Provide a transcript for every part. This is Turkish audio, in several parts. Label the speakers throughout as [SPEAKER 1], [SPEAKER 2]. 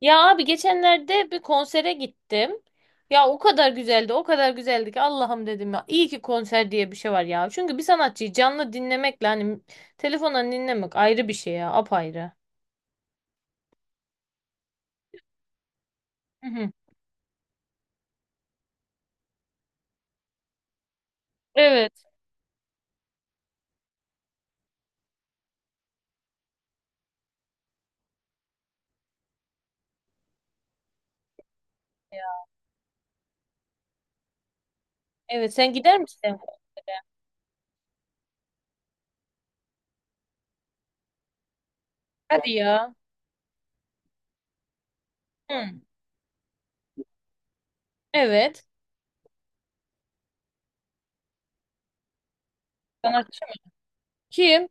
[SPEAKER 1] Ya abi geçenlerde bir konsere gittim. Ya o kadar güzeldi, o kadar güzeldi ki Allah'ım dedim ya. İyi ki konser diye bir şey var ya. Çünkü bir sanatçıyı canlı dinlemekle hani telefondan dinlemek ayrı bir şey ya, apayrı. Hı hı. Evet. Evet, sen gider misin? Hadi ya. Hı. Evet. Sanatçı mı? Kim?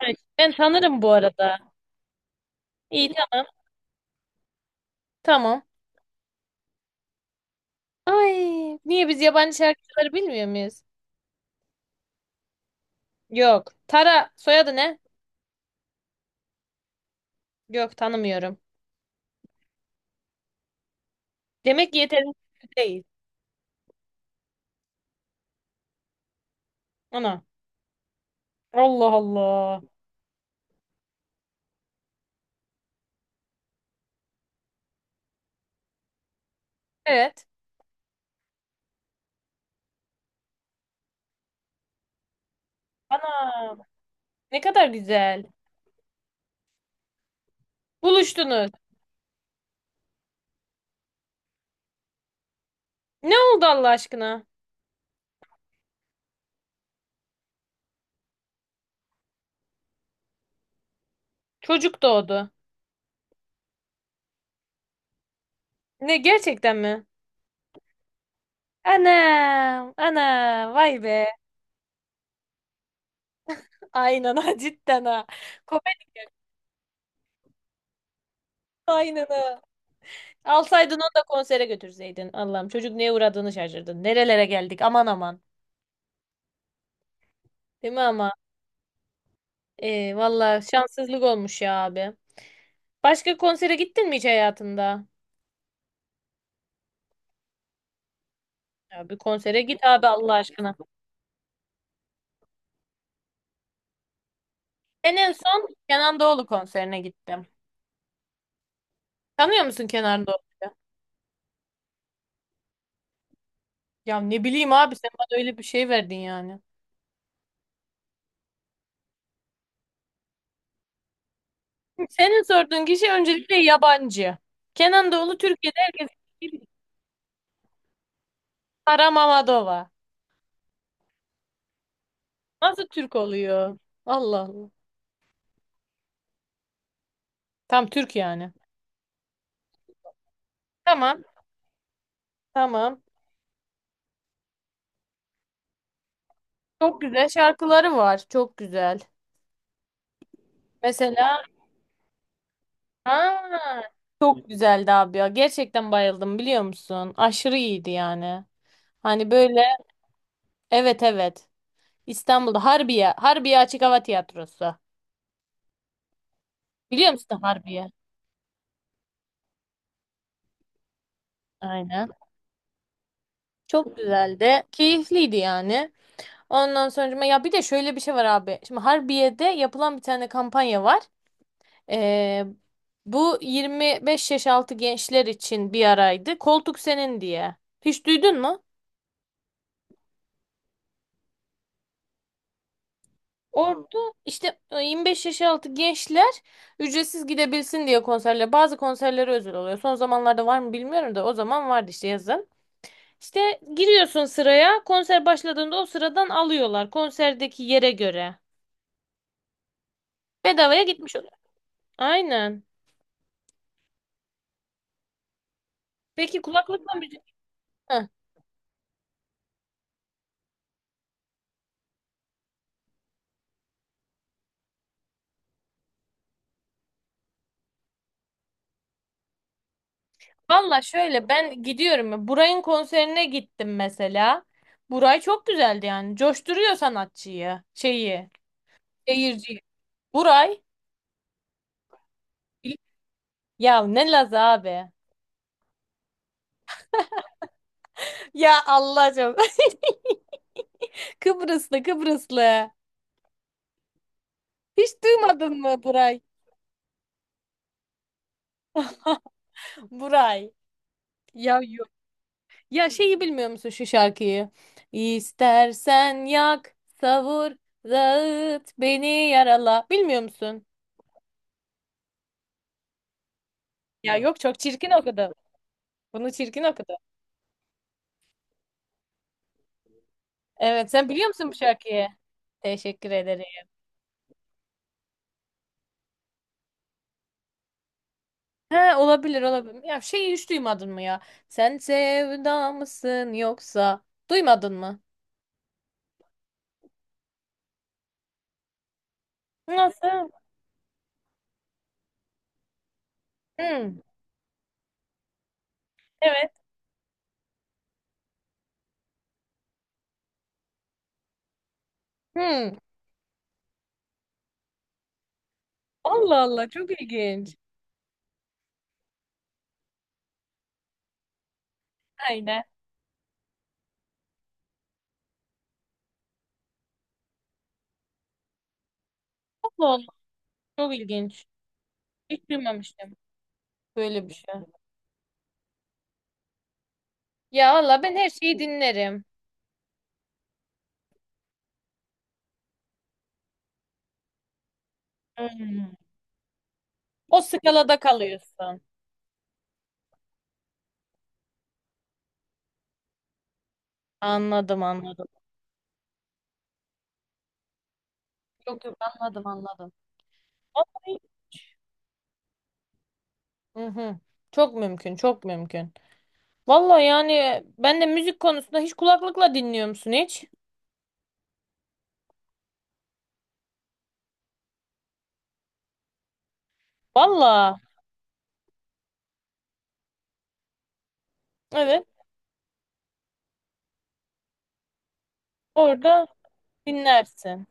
[SPEAKER 1] Evet, ben tanırım bu arada. İyi, tamam. Tamam. Ay, niye biz yabancı şarkıcıları bilmiyor muyuz? Yok. Tara soyadı ne? Yok, tanımıyorum. Demek ki yeterli değil. Ana. Allah Allah. Evet. Ana. Ne kadar güzel. Buluştunuz. Ne oldu Allah aşkına? Çocuk doğdu. Ne, gerçekten mi? Anam. Ana. Vay be. Aynen ha, cidden ha. Komedi aynını. Alsaydın onu da konsere götürseydin. Allah'ım, çocuk neye uğradığını şaşırdın. Nerelere geldik, aman aman. Değil mi ama? Valla şanssızlık olmuş ya abi. Başka konsere gittin mi hiç hayatında? Ya bir konsere git abi Allah aşkına. Ben en son Kenan Doğulu konserine gittim. Tanıyor musun Kenan Doğulu'yu? Ya ne bileyim abi, sen bana öyle bir şey verdin yani. Senin sorduğun kişi öncelikle yabancı. Kenan Doğulu Türkiye'de herkes bilir. Sara Mamadova. Nasıl Türk oluyor? Allah Allah. Tam Türk yani. Tamam, tamam. Çok güzel şarkıları var. Çok güzel. Mesela ha, çok güzeldi abi ya. Gerçekten bayıldım, biliyor musun? Aşırı iyiydi yani. Hani böyle, evet evet. İstanbul'da Harbiye, Harbiye Açık Hava Tiyatrosu. Biliyor musun Harbiye? Aynen. Çok güzeldi. Keyifliydi yani. Ondan sonra ya bir de şöyle bir şey var abi. Şimdi Harbiye'de yapılan bir tane kampanya var. Ee, Bu 25 yaş altı gençler için bir araydı. Koltuk senin diye. Hiç duydun mu? Orada işte 25 yaş altı gençler ücretsiz gidebilsin diye konserler. Bazı konserlere özel oluyor. Son zamanlarda var mı bilmiyorum da o zaman vardı işte yazın. İşte giriyorsun sıraya. Konser başladığında o sıradan alıyorlar. Konserdeki yere göre. Bedavaya gitmiş oluyor. Aynen. Peki kulaklıkla müzik... Heh. Valla şöyle ben gidiyorum. Ya, Buray'ın konserine gittim mesela. Buray çok güzeldi yani. Coşturuyor sanatçıyı. Şeyi. Seyirciyi. Buray. Ya ne Laz abi. Ya Allah'ım. Kıbrıslı, Kıbrıslı. Hiç duymadın mı Buray? Buray. Ya, ya şeyi bilmiyor musun şu şarkıyı? İstersen yak, savur, dağıt, beni yarala. Bilmiyor musun? Ya yok, çok çirkin okudu. Bunu çirkin okudu. Evet, sen biliyor musun bu şarkıyı? Teşekkür ederim. He, olabilir olabilir. Ya şeyi hiç duymadın mı ya? Sen sevda mısın yoksa? Duymadın mı? Nasıl? Hmm. Evet. Hmm. Allah Allah, çok ilginç. Aynen. Allah Allah, çok ilginç. Hiç duymamıştım böyle bir şey. Ya valla ben her şeyi dinlerim. Hmm. O skalada kalıyorsun. Anladım anladım. Yok yok, anladım anladım. Vallahi- Hı hı. Çok mümkün, çok mümkün. Valla yani ben de müzik konusunda, hiç kulaklıkla dinliyor musun hiç? Valla evet, orada dinlersin.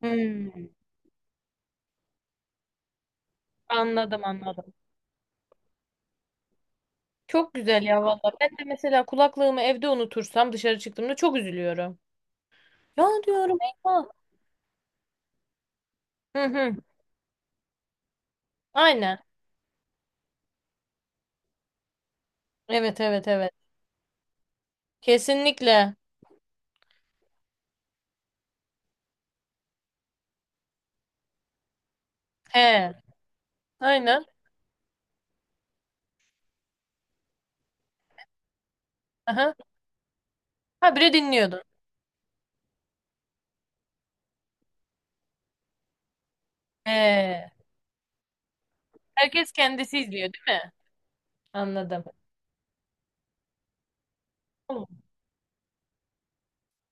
[SPEAKER 1] Hmm. Anladım anladım. Çok güzel ya valla. Ben de mesela kulaklığımı evde unutursam dışarı çıktığımda çok üzülüyorum. Ya diyorum eyvah. Hı hı. Aynen. Evet evet evet. Kesinlikle. He, aynen. Aha. Ha biri dinliyordu. He. Herkes kendisi izliyor değil mi? Anladım. Allah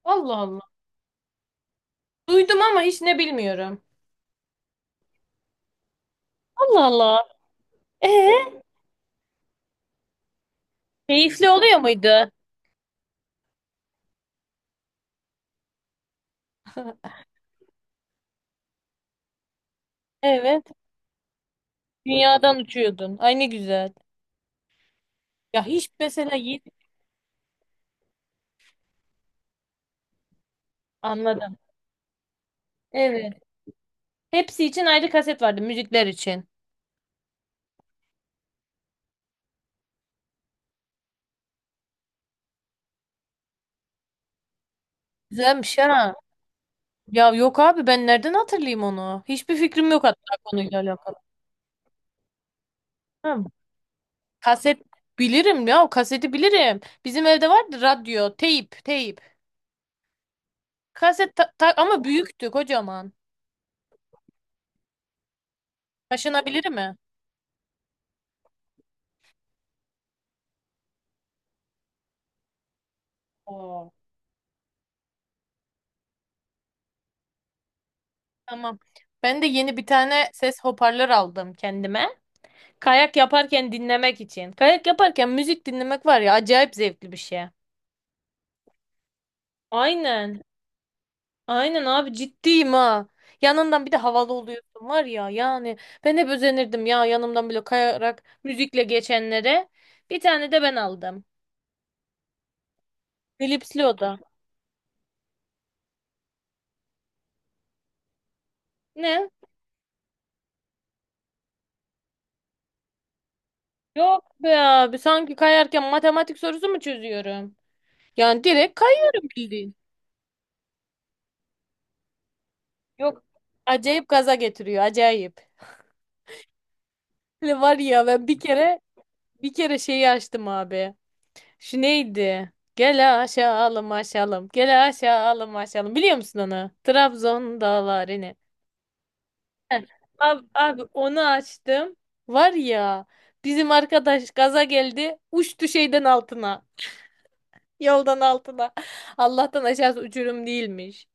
[SPEAKER 1] Allah. Allah. Duydum ama hiç ne bilmiyorum. Allah Allah. Ee, Keyifli oluyor muydu? Evet. Dünyadan uçuyordun. Ay ne güzel. Ya hiç mesela yeni... Anladım. Evet. Hepsi için ayrı kaset vardı müzikler için. Güzelmiş ha. Ya yok abi, ben nereden hatırlayayım onu? Hiçbir fikrim yok hatta konuyla alakalı. Ha, kaset bilirim ya, o kaseti bilirim. Bizim evde vardı radyo, teyp, teyp. Ama büyüktü, kocaman. Taşınabilir mi? Oo. Tamam. Ben de yeni bir tane ses hoparlör aldım kendime. Kayak yaparken dinlemek için. Kayak yaparken müzik dinlemek var ya, acayip zevkli bir şey. Aynen. Aynen abi, ciddiyim ha. Yanından bir de havalı oluyorsun var ya yani. Ben hep özenirdim ya, yanımdan bile kayarak müzikle geçenlere. Bir tane de ben aldım. Elipsli oda. Ne? Yok be abi. Sanki kayarken matematik sorusu mu çözüyorum? Yani direkt kayıyorum bildiğin. Yok. Acayip gaza getiriyor. Acayip. Böyle var ya ben bir kere, bir kere şeyi açtım abi. Şu neydi? Gel aşağılım aşağılım. Gel aşağılım aşağılım. Biliyor musun onu? Trabzon dağlarını. Heh. Abi, abi onu açtım. Var ya, bizim arkadaş gaza geldi. Uçtu şeyden altına. Yoldan altına. Allah'tan aşağısı uçurum değilmiş.